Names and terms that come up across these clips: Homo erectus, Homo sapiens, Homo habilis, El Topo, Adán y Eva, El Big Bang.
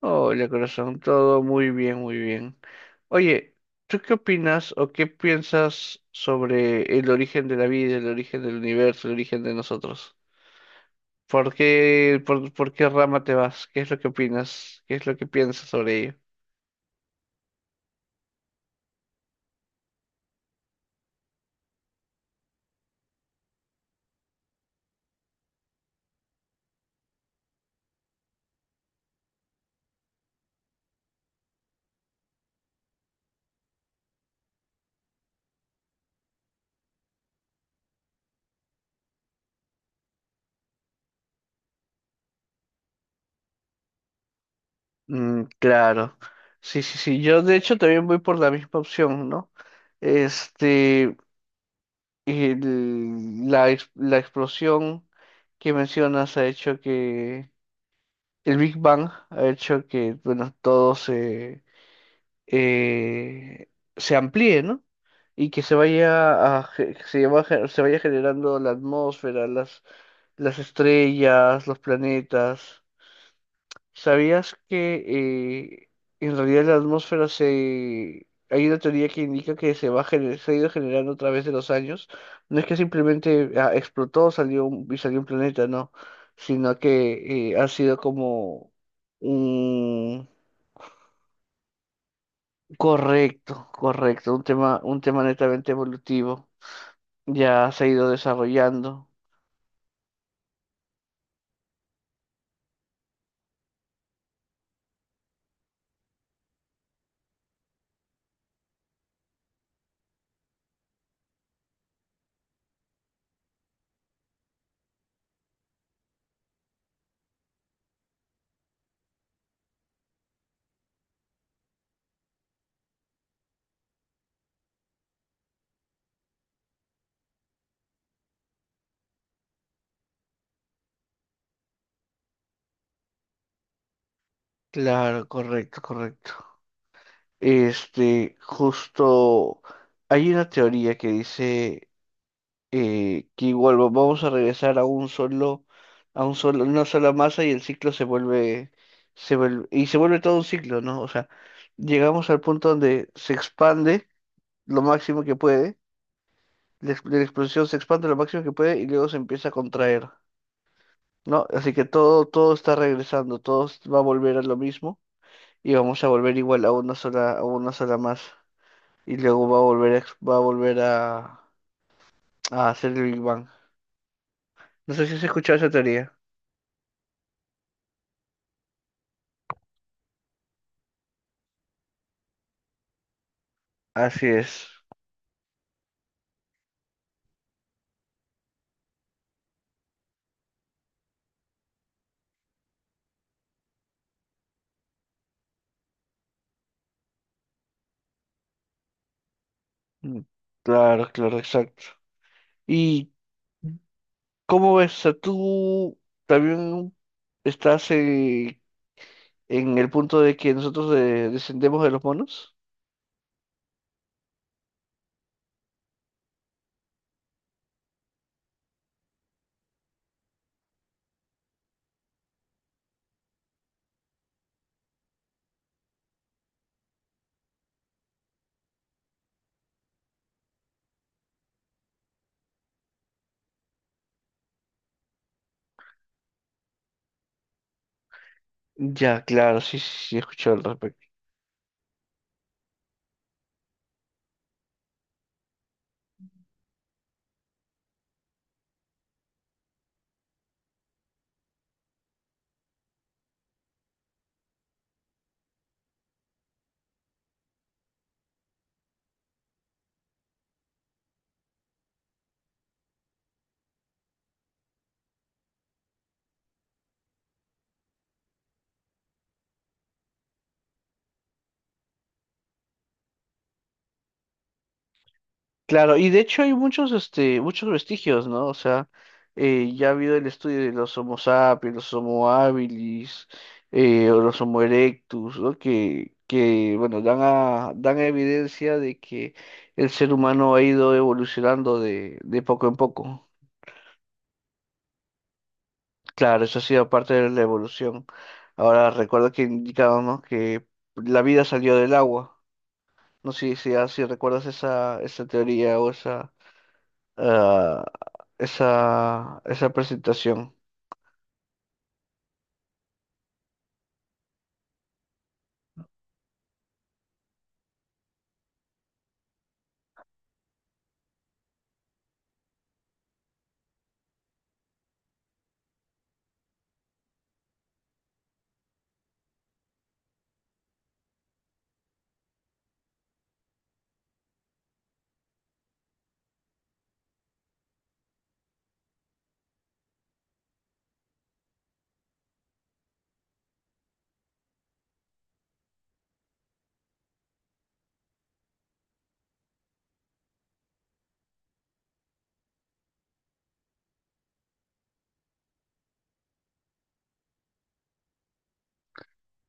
Hola, corazón, todo muy bien, muy bien. Oye, ¿tú qué opinas o qué piensas sobre el origen de la vida, el origen del universo, el origen de nosotros? ¿Por qué, por qué rama te vas? ¿Qué es lo que opinas? ¿Qué es lo que piensas sobre ello? Mm, claro. Sí, sí, sí, yo de hecho también voy por la misma opción, ¿no? Este, la explosión que mencionas ha hecho que. El Big Bang ha hecho que, bueno, eh, se amplíe, ¿no? Y que se vaya a, ge- se va a ge- se vaya generando la atmósfera, las estrellas, los planetas. ¿Sabías que en realidad la atmósfera se... Hay una teoría que indica que se ha ido generando a través de los años? No es que simplemente explotó, salió un planeta, no, sino que ha sido como un... Correcto, correcto, un tema netamente evolutivo. Ya se ha ido desarrollando. Claro, correcto, correcto. Este, justo hay una teoría que dice que igual vamos a regresar a un solo, una sola masa, y el ciclo se vuelve todo un ciclo, ¿no? O sea, llegamos al punto donde se expande lo máximo que puede, la explosión se expande lo máximo que puede y luego se empieza a contraer, ¿no? Así que todo, todo está regresando, va a volver a lo mismo y vamos a volver igual a una sola masa. Y luego va a volver a hacer el Big Bang. No sé si has escuchado esa teoría. Así es. Mm, claro, claro, exacto. ¿Y cómo ves? O sea, tú también estás en el punto de que nosotros descendemos de los monos. Ya, claro, sí, sí, sí, he escuchado al respecto. Claro, y de hecho hay muchos, este, muchos vestigios, ¿no? O sea, ya ha habido el estudio de los Homo sapiens, los Homo habilis, o los Homo erectus, ¿no? Que bueno, dan evidencia de que el ser humano ha ido evolucionando de poco en poco. Claro, eso ha sido parte de la evolución. Ahora recuerdo que indicábamos que la vida salió del agua. No sé si, si, si recuerdas esa, esa teoría o esa, ah, esa, esa presentación.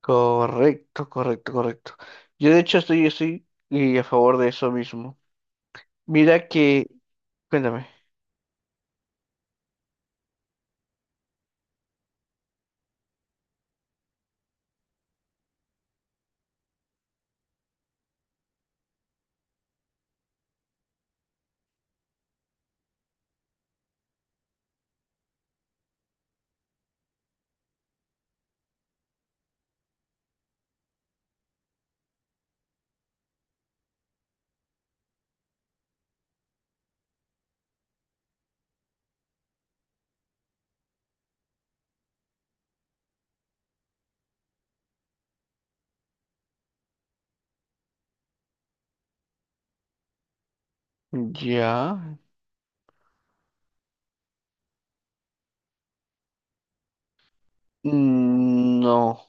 Correcto, correcto, correcto. Yo de hecho estoy, estoy y a favor de eso mismo. Mira que, cuéntame. ¿Ya? Mm, no,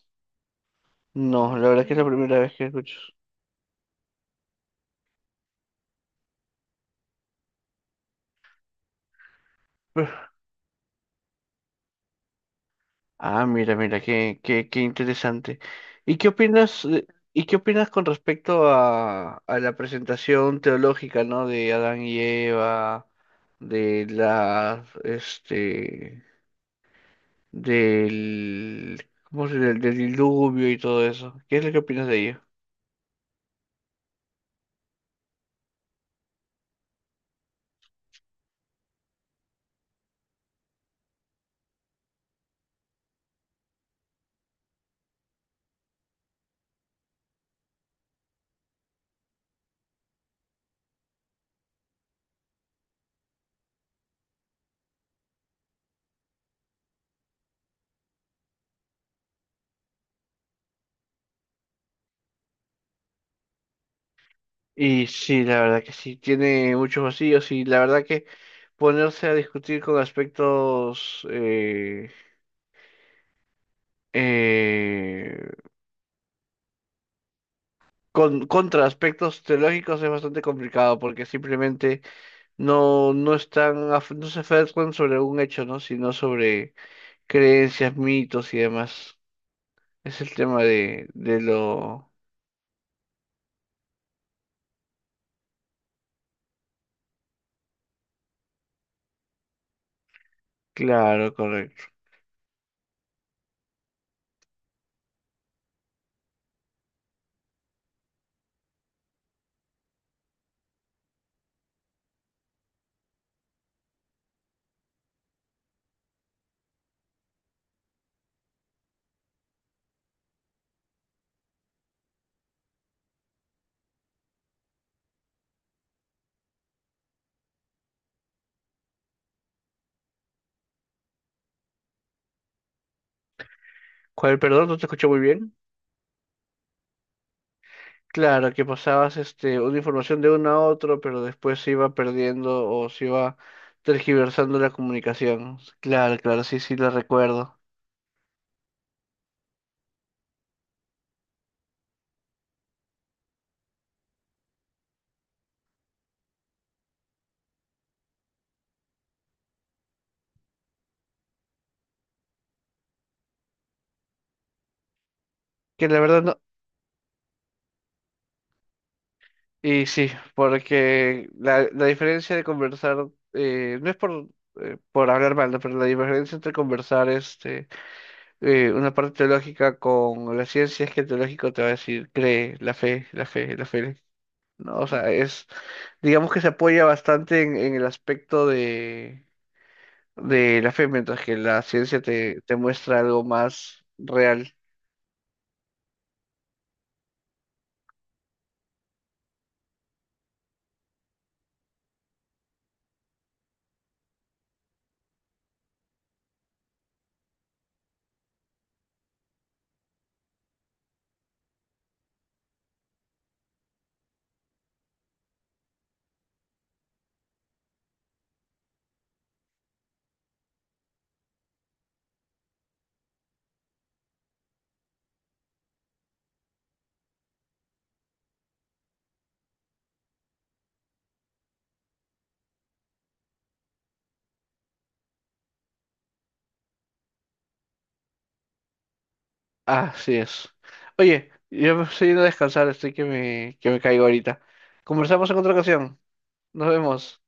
no, la verdad que es la primera vez que escucho. Uf. Ah, mira, mira, qué, qué, qué interesante. ¿Y qué opinas, eh, y qué opinas con respecto a la presentación teológica, ¿no? De Adán y Eva, de las, este, del, cómo se del diluvio y todo eso? ¿Qué es lo que opinas de ello? Y sí, la verdad que sí, tiene muchos vacíos, y la verdad que ponerse a discutir con aspectos, eh, con, contra aspectos teológicos es bastante complicado porque simplemente no, no están, no se aferran sobre un hecho, ¿no? Sino sobre creencias, mitos y demás. Es el tema de lo... Claro, correcto. ¿Cuál, perdón? No te escuché muy bien. Claro, que pasabas este, una información de uno a otro, pero después se iba perdiendo o se iba tergiversando la comunicación. Claro, claro, sí, sí, lo recuerdo. Que la verdad no, y sí, porque la diferencia de conversar, no es por hablar mal, ¿no? Pero la diferencia entre conversar este, una parte teológica con la ciencia es que el teológico te va a decir, cree, la fe, la fe, la fe. No, o sea, es, digamos que se apoya bastante en el aspecto de la fe, mientras que la ciencia te, te muestra algo más real. Así es. Oye, yo me estoy yendo a descansar, estoy que me caigo ahorita. Conversamos en otra ocasión. Nos vemos.